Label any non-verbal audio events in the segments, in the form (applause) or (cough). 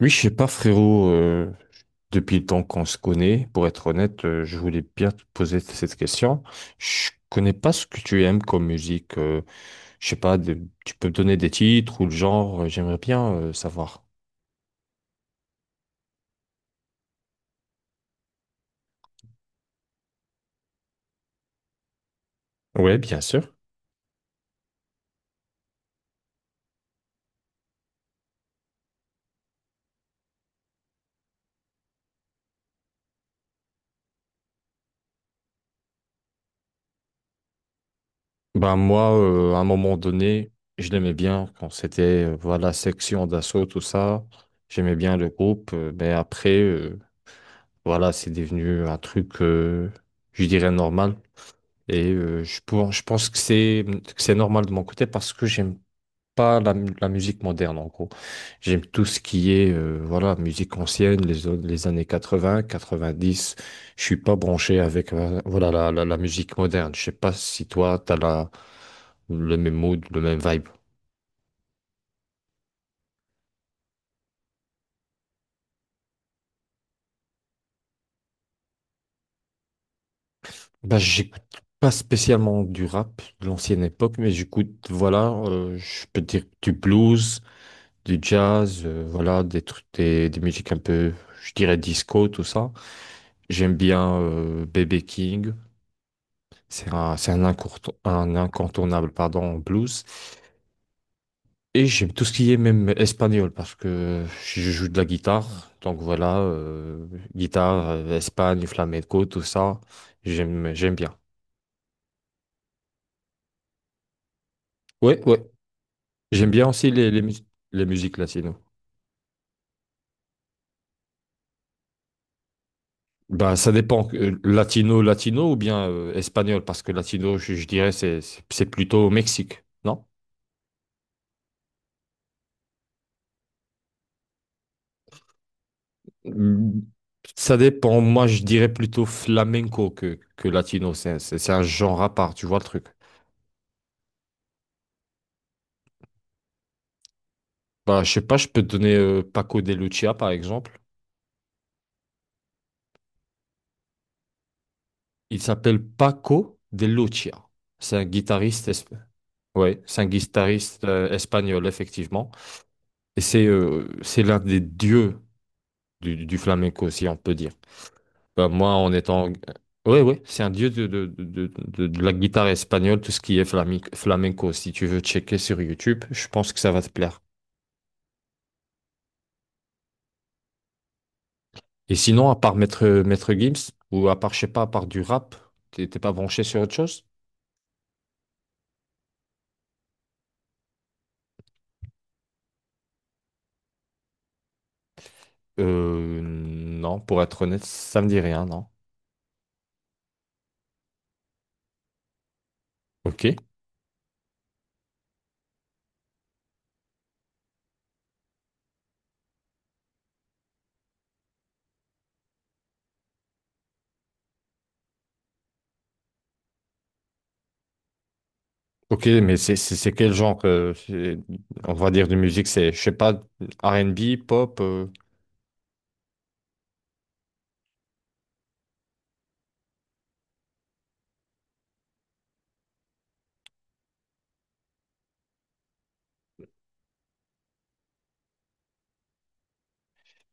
Oui, je sais pas, frérot, depuis le temps qu'on se connaît, pour être honnête, je voulais bien te poser cette question. Je connais pas ce que tu aimes comme musique. Je sais pas, tu peux me donner des titres ou le genre, j'aimerais bien savoir. Ouais, bien sûr. Ben moi, à un moment donné, je l'aimais bien quand c'était voilà Section d'Assaut, tout ça. J'aimais bien le groupe, mais après, voilà, c'est devenu un truc, je dirais normal. Et je pense que c'est normal de mon côté parce que j'aime pas la musique moderne en gros. J'aime tout ce qui est voilà, musique ancienne, les années 80, 90. Je suis pas branché avec voilà, la musique moderne. Je sais pas si toi, tu as le même mood, le même vibe. Bah, j'écoute pas spécialement du rap de l'ancienne époque, mais j'écoute, voilà, je peux dire du blues, du jazz, voilà, des trucs, des musiques un peu, je dirais disco, tout ça. J'aime bien B.B. King, c'est un, un incontournable, pardon, en blues. Et j'aime tout ce qui est même espagnol parce que je joue de la guitare, donc voilà, guitare, Espagne, flamenco, tout ça, j'aime bien. Ouais, ouais, j'aime bien aussi les musiques latino. Ben, ça dépend, latino, latino ou bien espagnol, parce que latino, je dirais, c'est plutôt au Mexique, non? Mm, Ça dépend, moi je dirais plutôt flamenco que latino, c'est un genre à part, tu vois le truc. Bah, je sais pas, je peux te donner Paco de Lucia par exemple. Il s'appelle Paco de Lucia. C'est un guitariste, esp- Ouais, c'est un guitariste espagnol, effectivement. Et c'est l'un des dieux du flamenco, si on peut dire. Bah, moi, en étant... Oui, oui, c'est un dieu de la guitare espagnole, tout ce qui est flamenco. Si tu veux checker sur YouTube, je pense que ça va te plaire. Et sinon, à part Maître Gims, ou à part, je sais pas, à part du rap, t'es pas branché sur autre chose? Non, pour être honnête, ça me dit rien, non. Ok. Ok, mais c'est quel genre, on va dire, de musique? C'est, je sais pas, R&B pop.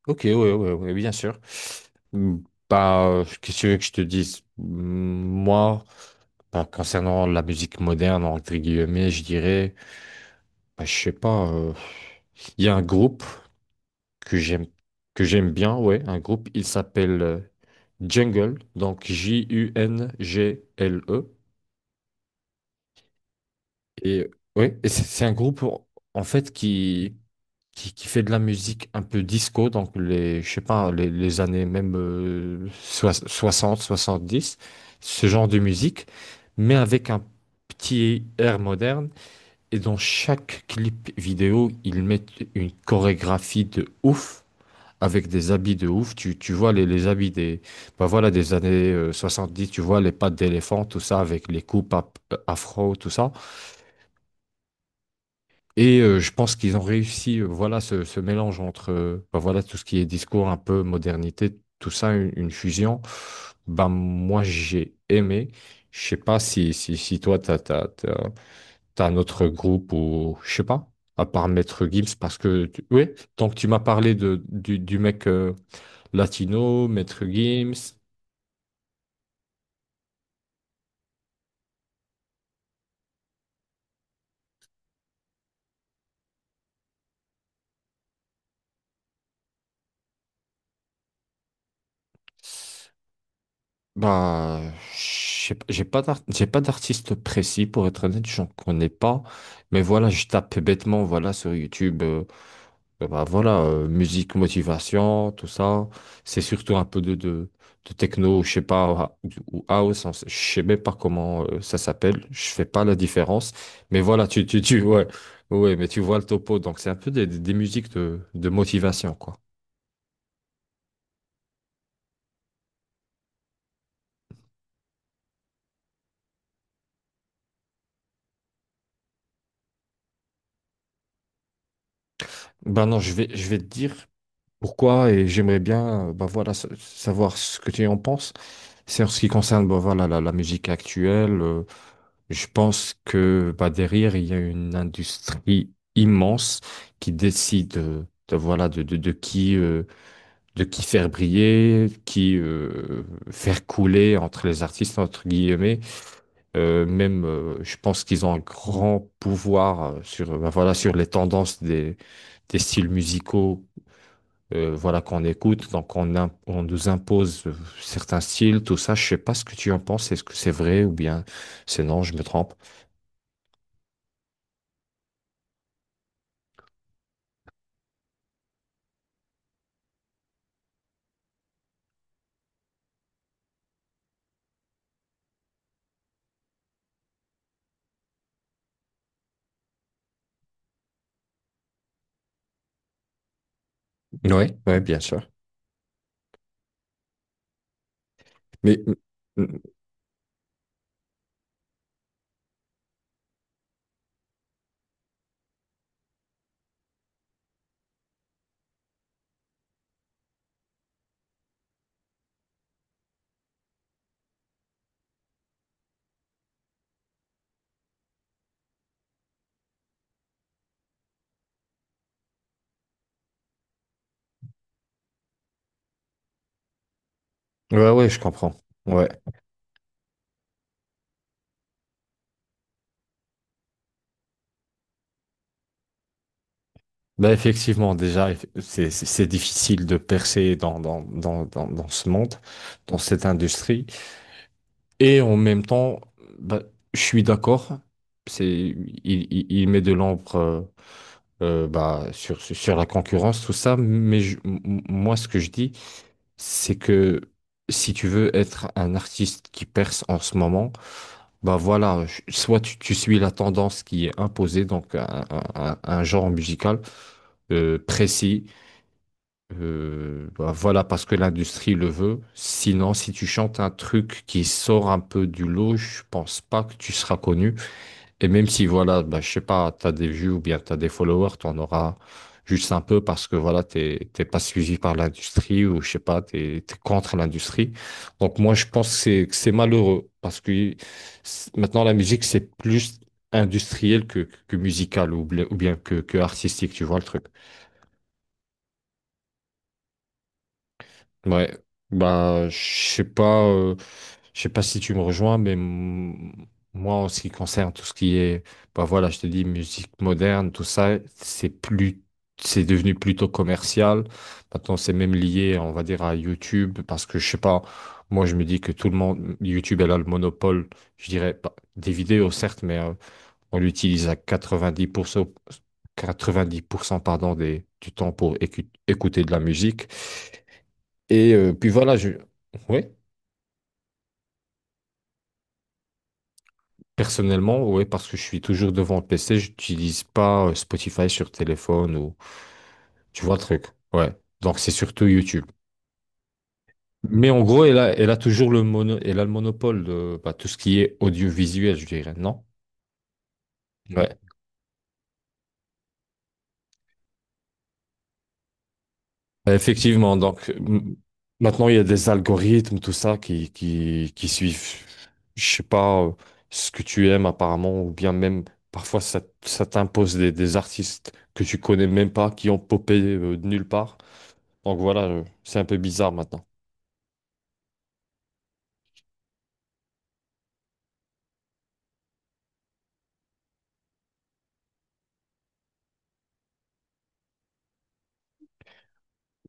Ok, oui, oui, oui, bien sûr. Hmm, Bah, qu'est-ce que tu veux que je te dise? Moi, bah, concernant la musique moderne, entre guillemets, je dirais, bah, je sais pas, il y a un groupe que j'aime, que j'aime bien, ouais, un groupe, il s'appelle Jungle, donc Jungle. Et ouais, et c'est un groupe en fait qui, qui fait de la musique un peu disco, donc les je sais pas les années même 60, 70, ce genre de musique, mais avec un petit air moderne. Et dans chaque clip vidéo, ils mettent une chorégraphie de ouf. Avec des habits de ouf, tu vois les habits des, bah voilà, des années dix, tu vois les pattes d'éléphant, tout ça, avec les coupes afro, tout ça. Et je pense qu'ils ont réussi, voilà, ce mélange entre, ben voilà, tout ce qui est discours, un peu modernité, tout ça, une fusion. Ben, moi, j'ai aimé. Je sais pas si toi, t'as un autre groupe ou, je sais pas, à part Maître Gims, parce que, oui, tant que tu m'as parlé de, du mec latino, Maître Gims. Bah, je sais pas, j'ai pas d'artiste précis pour être honnête, j'en connais pas. Mais voilà, je tape bêtement, voilà, sur YouTube, bah voilà, musique, motivation, tout ça. C'est surtout un peu de techno, je sais pas, ou house, je sais même pas comment ça s'appelle. Je fais pas la différence. Mais voilà, ouais, ouais, mais tu vois le topo. Donc c'est un peu des, des musiques de motivation, quoi. Ben non, je vais te dire pourquoi et j'aimerais bien bah voilà savoir ce que tu en penses. C'est en ce qui concerne bah voilà la musique actuelle. Je pense que bah derrière il y a une industrie immense qui décide de, voilà de de qui faire briller, qui faire couler entre les artistes entre guillemets. Même je pense qu'ils ont un grand pouvoir sur bah voilà sur les tendances des styles musicaux voilà, qu'on écoute, donc on nous impose certains styles, tout ça. Je sais pas ce que tu en penses, est-ce que c'est vrai ou bien c'est non, je me trompe. Oui, ouais, bien sûr. Mais mm, ouais, ouais, je comprends. Ouais. Bah effectivement, déjà, c'est difficile de percer dans ce monde, dans cette industrie. Et en même temps, bah, je suis d'accord. C'est, il met de l'ombre bah, sur la concurrence, tout ça. Mais moi, ce que je dis, c'est que si tu veux être un artiste qui perce en ce moment, bah voilà, soit tu suis la tendance qui est imposée, donc un genre musical précis bah voilà, parce que l'industrie le veut. Sinon, si tu chantes un truc qui sort un peu du lot, je pense pas que tu seras connu. Et même si, voilà, bah, je sais pas, t'as des vues ou bien t'as des followers, t'en auras juste un peu parce que, voilà, t'es pas suivi par l'industrie ou, je sais pas, t'es contre l'industrie. Donc, moi, je pense que c'est malheureux parce que maintenant, la musique, c'est plus industriel que musical ou, ou bien que artistique, tu vois le truc. Ouais, bah sais pas, euh, je sais pas si tu me rejoins, mais moi en ce qui concerne tout ce qui est, bah voilà, je te dis musique moderne, tout ça, c'est devenu plutôt commercial. Maintenant, c'est même lié, on va dire, à YouTube, parce que je sais pas, moi je me dis que tout le monde, YouTube elle a le monopole, je dirais, pas des vidéos certes, mais on l'utilise à 90%, 90% pardon des, du temps pour écouter de la musique. Et puis voilà, je... ouais, personnellement, ouais, parce que je suis toujours devant le PC, j'utilise pas Spotify sur téléphone ou tu vois le truc. Ouais. Donc c'est surtout YouTube. Mais en gros, elle a toujours le mono, elle a le monopole de bah, tout ce qui est audiovisuel, je dirais, non? Ouais. Effectivement, donc maintenant il y a des algorithmes, tout ça qui, qui suivent, je sais pas, ce que tu aimes apparemment, ou bien même parfois ça, ça t'impose des artistes que tu connais même pas, qui ont popé de nulle part. Donc voilà, c'est un peu bizarre maintenant.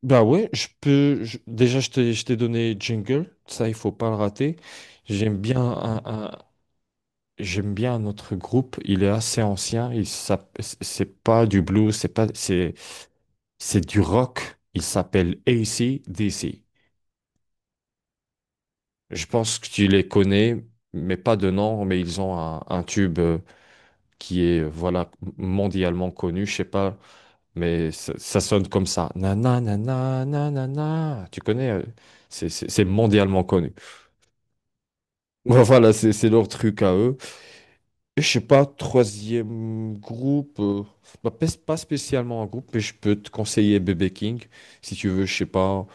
Bah ouais, je peux. Déjà, je t'ai donné Jingle, ça il faut pas le rater. J'aime bien un, un- J'aime bien un autre groupe. Il est assez ancien. C'est pas du blues, c'est pas, c'est du rock. Il s'appelle AC/DC. Je pense que tu les connais, mais pas de nom, mais ils ont un tube qui est voilà mondialement connu, je sais pas, mais ça sonne comme ça. Na na na na na na na. Tu connais, c'est mondialement connu. (laughs) Voilà, c'est leur truc à eux. Et je sais pas, troisième groupe, bah, pas spécialement un groupe, mais je peux te conseiller Bébé King si tu veux, je sais pas,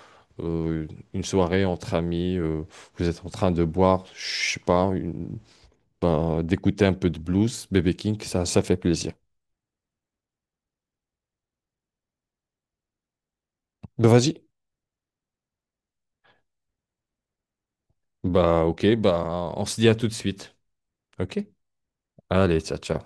euh, une soirée entre amis, vous êtes en train de boire, je sais pas, bah, d'écouter un peu de blues, Bébé King, ça fait plaisir. Bah vas-y. Bah ok, bah on se dit à tout de suite. Ok? Allez, ciao, ciao.